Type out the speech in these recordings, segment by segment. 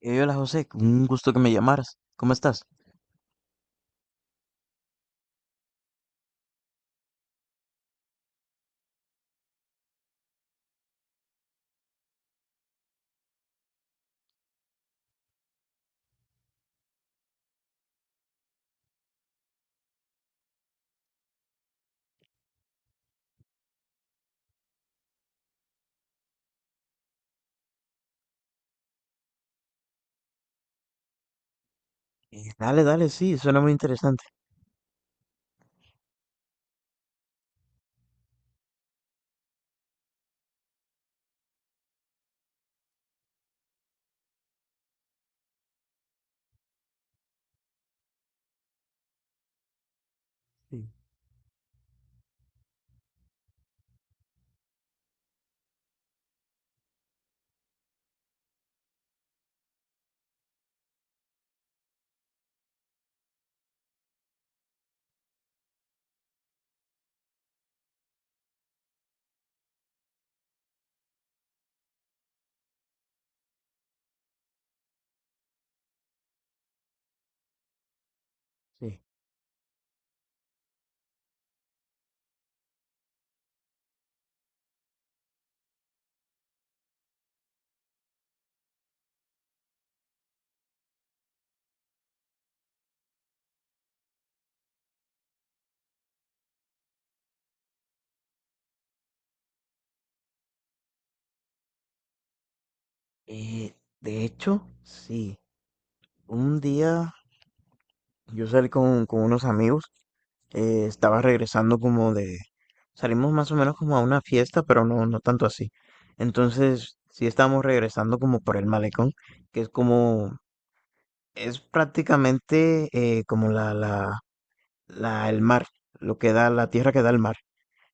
Hola José, un gusto que me llamaras. ¿Cómo estás? Dale, dale, sí, suena muy interesante. Sí, sí. Eh, de hecho, sí. Un día yo salí con unos amigos, estaba regresando como de. Salimos más o menos como a una fiesta, pero no, no tanto así. Entonces, sí estábamos regresando como por el malecón, que es como. Es prácticamente como el mar, lo que da, la tierra que da el mar.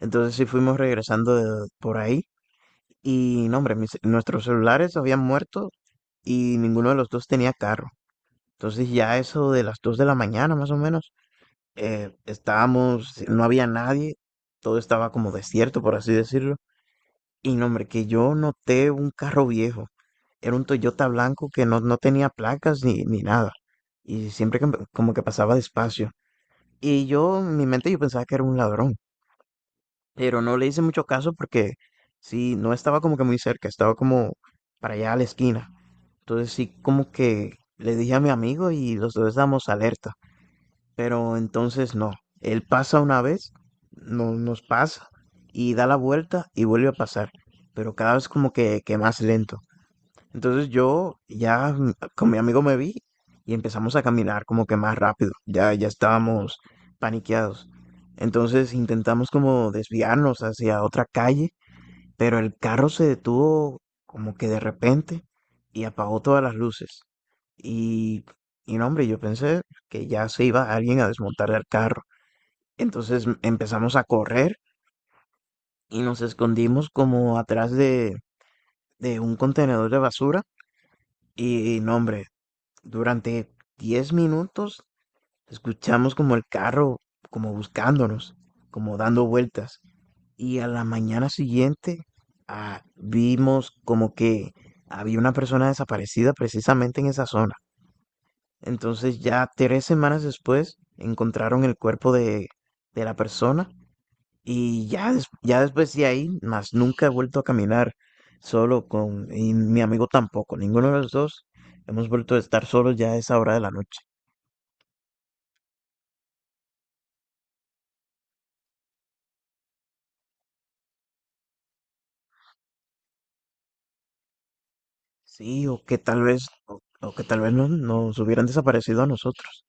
Entonces sí fuimos regresando por ahí y no, hombre, nuestros celulares habían muerto y ninguno de los dos tenía carro. Entonces ya eso de las 2 de la mañana más o menos, estábamos, no había nadie, todo estaba como desierto, por así decirlo. Y no, hombre, que yo noté un carro viejo. Era un Toyota blanco que no, no tenía placas ni nada. Y siempre como que pasaba despacio. Y yo, en mi mente, yo pensaba que era un ladrón, pero no le hice mucho caso porque sí, no estaba como que muy cerca, estaba como para allá a la esquina. Entonces sí, como que le dije a mi amigo y los dos damos alerta, pero entonces no, él pasa una vez, no, nos pasa y da la vuelta y vuelve a pasar, pero cada vez como que más lento. Entonces yo ya con mi amigo me vi y empezamos a caminar como que más rápido. Ya, ya estábamos paniqueados. Entonces intentamos como desviarnos hacia otra calle, pero el carro se detuvo como que de repente y apagó todas las luces. Y, y no, hombre, yo pensé que ya se iba alguien a desmontar el carro. Entonces empezamos a correr y nos escondimos como atrás de un contenedor de basura. Y no, hombre, durante 10 minutos escuchamos como el carro, como buscándonos, como dando vueltas. Y a la mañana siguiente vimos como que había una persona desaparecida precisamente en esa zona. Entonces ya 3 semanas después encontraron el cuerpo de la persona y ya, ya después de ahí, más nunca he vuelto a caminar solo y mi amigo tampoco, ninguno de los dos hemos vuelto a estar solos ya a esa hora de la noche. Sí, o que tal vez, o que tal vez no, nos hubieran desaparecido a nosotros.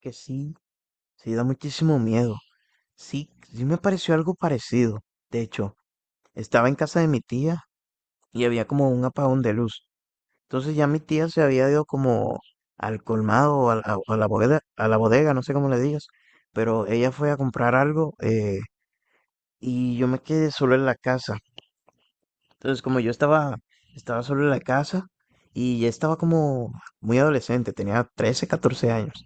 Que sí, sí da muchísimo miedo. Sí, sí me pareció algo parecido. De hecho, estaba en casa de mi tía y había como un apagón de luz. Entonces ya mi tía se había ido como al colmado o a la bodega, no sé cómo le digas, pero ella fue a comprar algo, y yo me quedé solo en la casa. Entonces, como yo estaba, estaba solo en la casa y ya estaba como muy adolescente, tenía 13 14 años.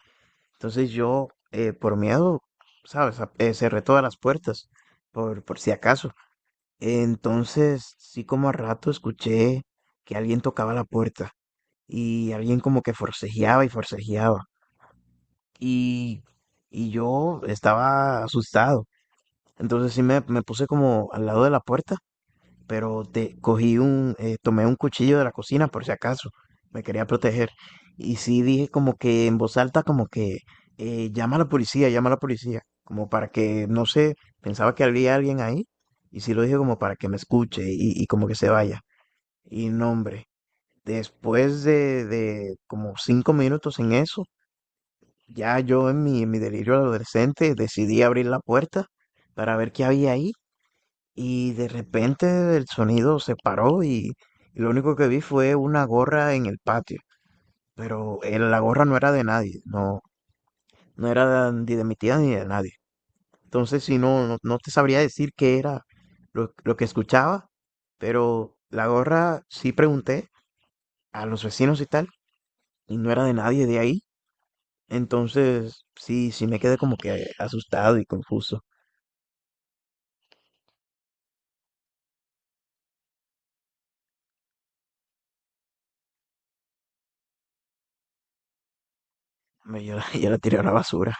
Entonces yo, por miedo, ¿sabes? Cerré todas las puertas, por si acaso. Entonces, sí como a rato escuché que alguien tocaba la puerta y alguien como que forcejeaba y forcejeaba. Y, y yo estaba asustado. Entonces sí me puse como al lado de la puerta, pero tomé un cuchillo de la cocina por si acaso, me quería proteger. Y sí dije como que en voz alta, como que llama a la policía, llama a la policía, como para que, no sé, pensaba que había alguien ahí, y sí lo dije como para que me escuche y como que se vaya. Y no, hombre, después de como 5 minutos en eso, ya yo en mi delirio adolescente decidí abrir la puerta para ver qué había ahí y de repente el sonido se paró y lo único que vi fue una gorra en el patio. Pero la gorra no era de nadie, no, no era ni de mi tía ni de nadie. Entonces, si no, no, no te sabría decir qué era lo que escuchaba, pero la gorra sí pregunté a los vecinos y tal, y no era de nadie de ahí. Entonces, sí, sí me quedé como que asustado y confuso. Yo, yo la tiré a la basura.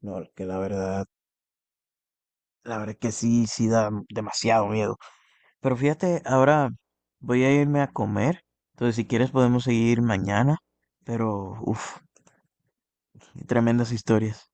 No, que la verdad que sí, sí da demasiado miedo. Pero fíjate, ahora voy a irme a comer. Entonces, si quieres podemos seguir mañana. Pero, uff, tremendas historias.